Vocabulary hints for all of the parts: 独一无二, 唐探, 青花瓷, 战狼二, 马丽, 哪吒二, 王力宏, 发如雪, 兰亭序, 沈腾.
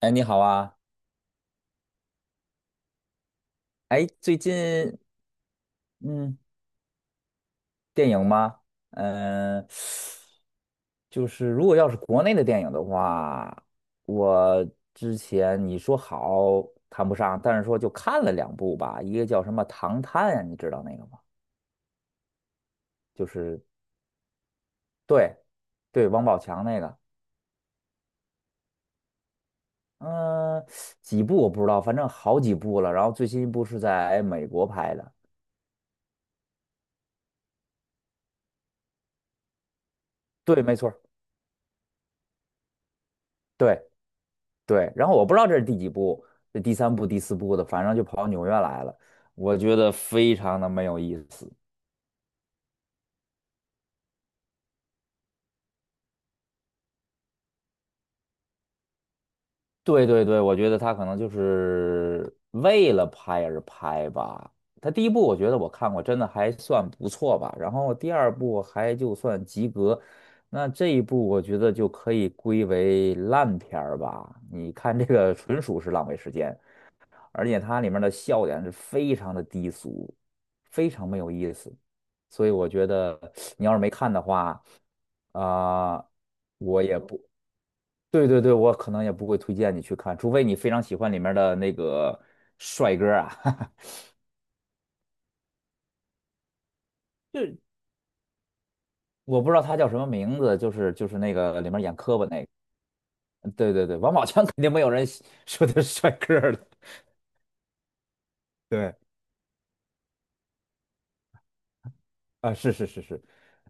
哎，你好啊！哎，最近嗯，电影吗？嗯、就是如果要是国内的电影的话，我之前你说好谈不上，但是说就看了2部吧，一个叫什么《唐探》呀，你知道那个吗？就是对对，王宝强那个，嗯、几部我不知道，反正好几部了。然后最新一部是在美国拍的，对，没错儿对。对，然后我不知道这是第几部，这第三部、第四部的，反正就跑到纽约来了，我觉得非常的没有意思。对对对，我觉得他可能就是为了拍而拍吧。他第一部我觉得我看过，真的还算不错吧。然后第二部还就算及格，那这一部我觉得就可以归为烂片儿吧。你看这个纯属是浪费时间。而且它里面的笑点是非常的低俗，非常没有意思。所以我觉得你要是没看的话，啊、我也不，对对对，我可能也不会推荐你去看，除非你非常喜欢里面的那个帅哥啊，就我不知道他叫什么名字，就是那个里面演磕巴那个，对对对，王宝强肯定没有人喜说他是帅哥的，对。啊，是是是是，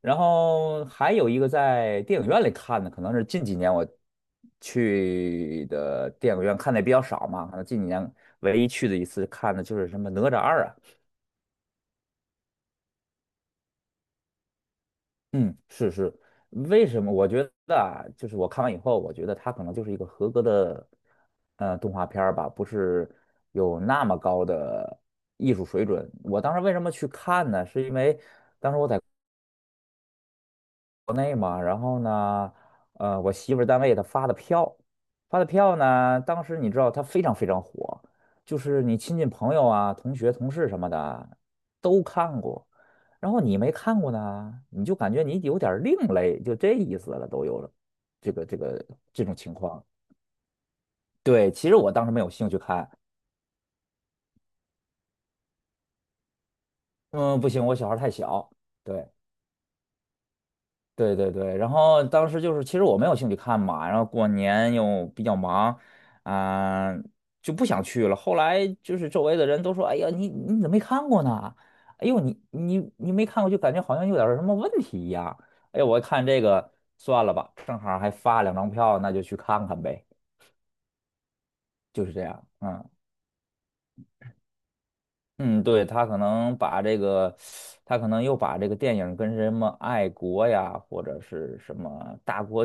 然后还有一个在电影院里看的，可能是近几年我去的电影院看的也比较少嘛，可能近几年唯一去的一次看的就是什么《哪吒二》啊，嗯，是是，为什么？我觉得啊，就是我看完以后，我觉得它可能就是一个合格的动画片儿吧，不是有那么高的艺术水准。我当时为什么去看呢？是因为国内嘛，然后呢，我媳妇儿单位她发的票，发的票呢，当时你知道它非常非常火，就是你亲戚朋友啊、同学、同事什么的都看过，然后你没看过呢，你就感觉你有点儿另类，就这意思了，都有了，这个这种情况。对，其实我当时没有兴趣看，嗯，不行，我小孩儿太小，对。对对对，然后当时就是，其实我没有兴趣看嘛，然后过年又比较忙，啊、就不想去了。后来就是周围的人都说：“哎呀，你怎么没看过呢？哎呦，你没看过，就感觉好像有点儿什么问题一样。”哎呀，我一看这个算了吧，正好还发2张票，那就去看看呗，就是这样。嗯嗯，对，他可能把这个，他可能又把这个电影跟什么爱国呀，或者是什么大国。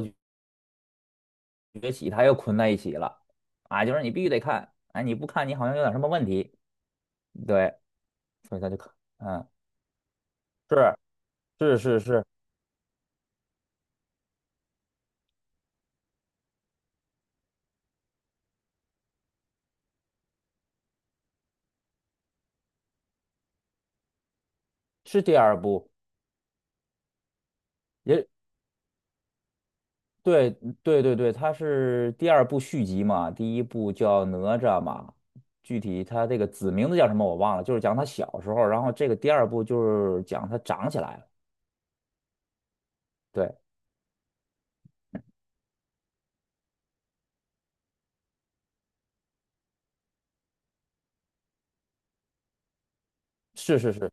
崛起，它又捆在一起了啊，就是你必须得看，哎，你不看你好像有点什么问题，对，所以他就看，嗯，是是是是是第二部，也对对对对，它是第二部续集嘛，第一部叫哪吒嘛，具体它这个子名字叫什么我忘了，就是讲他小时候，然后这个第二部就是讲他长起来了，对，是是是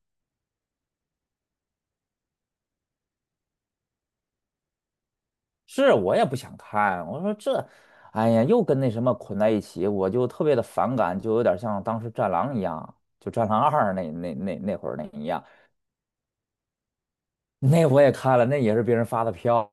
是我也不想看，我说这，哎呀，又跟那什么捆在一起，我就特别的反感，就有点像当时《战狼》一样，就《战狼二》那会儿那一样，那我也看了，那也是别人发的票，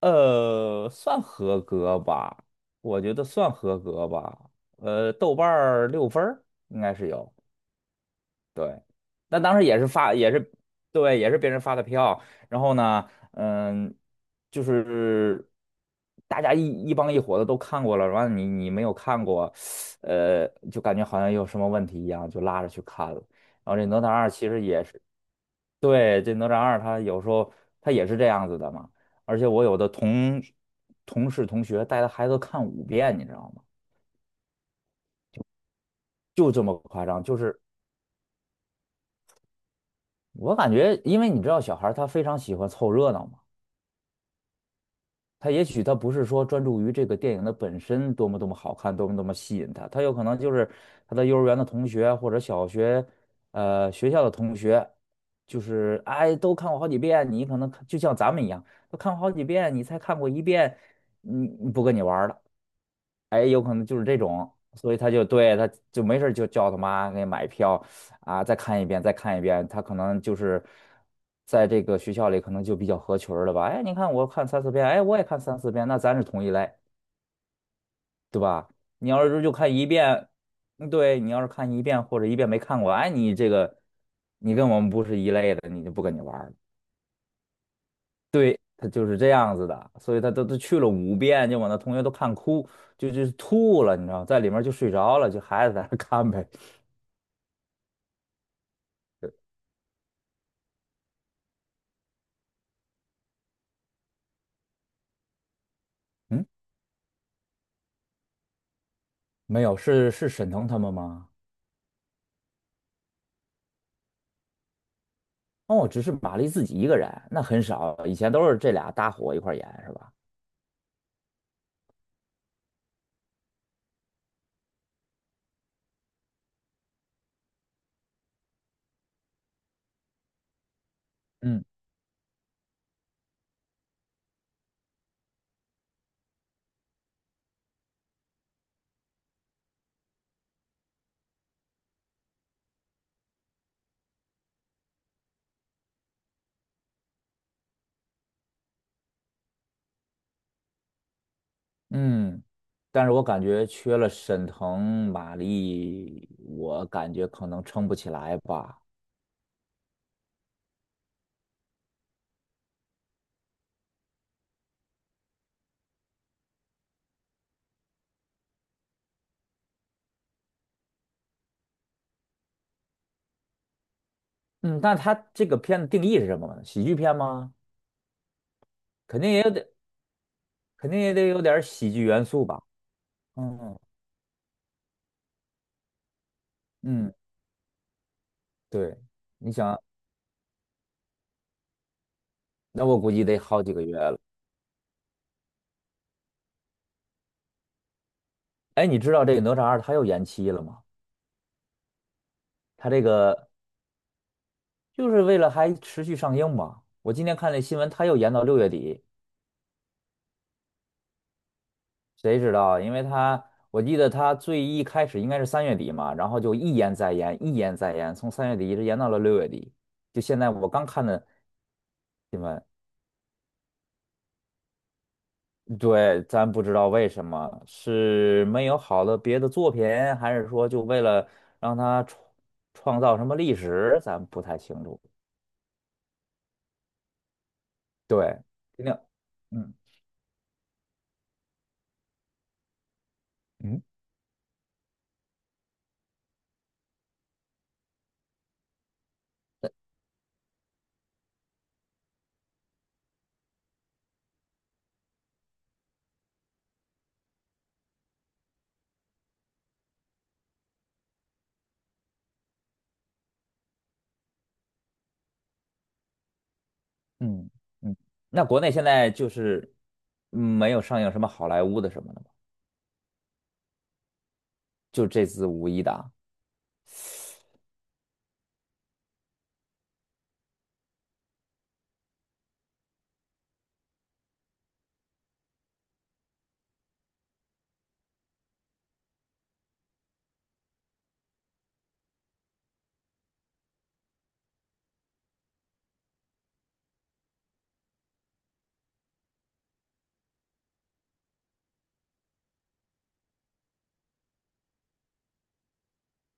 算合格吧，我觉得算合格吧，豆瓣儿6分儿应该是有。对，那当时也是发，也是对，也是别人发的票。然后呢，嗯，就是大家一帮一伙的都看过了，完了你没有看过，就感觉好像有什么问题一样，就拉着去看了。然后这哪吒二其实也是，对，这哪吒二他有时候他也是这样子的嘛。而且我有的同事同学带着孩子看五遍，你知道吗？就这么夸张，就是我感觉，因为你知道小孩儿他非常喜欢凑热闹嘛。他也许他不是说专注于这个电影的本身多么多么好看，多么多么吸引他，他有可能就是他的幼儿园的同学或者小学，学校的同学，就是哎都看过好几遍，你可能看就像咱们一样，都看过好几遍，你才看过一遍，不跟你玩儿了。哎，有可能就是这种，所以他就对他就没事儿就叫他妈给买票啊，再看一遍，再看一遍。他可能就是在这个学校里可能就比较合群儿了吧？哎，你看我看三四遍，哎，我也看三四遍，那咱是同一类，对吧？你要是就看一遍，嗯对，你要是看一遍或者一遍没看过，哎，你这个你跟我们不是一类的，你就不跟你玩儿了。对，他就是这样子的，所以他都去了五遍，就把那同学都看哭，就吐了，你知道，在里面就睡着了，就孩子在那看呗。嗯，没有，是是沈腾他们吗？哦，只是马丽自己一个人，那很少，以前都是这俩搭伙一块儿演，是吧？嗯嗯，但是我感觉缺了沈腾、马丽，我感觉可能撑不起来吧。嗯，那他这个片子定义是什么呢？喜剧片吗？肯定也得，肯定也得有点儿喜剧元素吧。嗯。嗯，对，你想，那我估计得好几个月了。哎，你知道这个《哪吒二》它又延期了吗？它这个就是为了还持续上映嘛。我今天看那新闻，它又延到六月底，谁知道？因为它我记得它最一开始应该是三月底嘛，然后就一延再延，一延再延，从三月底一直延到了六月底。就现在我刚看的新闻，对，咱不知道为什么，是没有好的别的作品，还是说就为了让他创造什么历史，咱不太清楚。对，肯定，嗯嗯嗯嗯。那国内现在就是没有上映什么好莱坞的什么的吗？就这次五一档。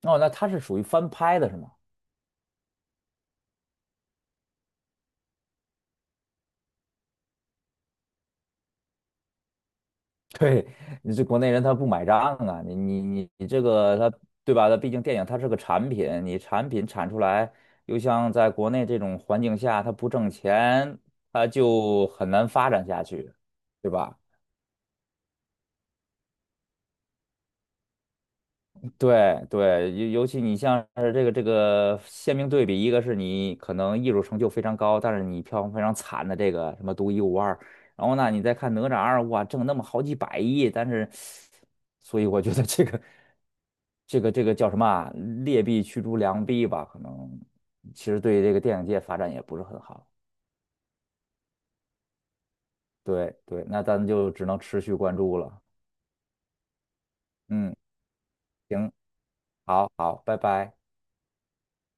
哦，那它是属于翻拍的是吗？对，你这国内人他不买账啊，你这个他对吧？他毕竟电影它是个产品，你产品产出来，又像在国内这种环境下，他不挣钱，他就很难发展下去，对吧？对对，尤其你像是这个鲜明对比，一个是你可能艺术成就非常高，但是你票房非常惨的这个什么《独一无二》，然后呢，你再看《哪吒二》，哇，挣那么好几百亿，但是，所以我觉得这个这个叫什么啊劣币驱逐良币吧，可能其实对这个电影界发展也不是很好。对对，那咱就只能持续关注了。嗯，行，好好，拜拜。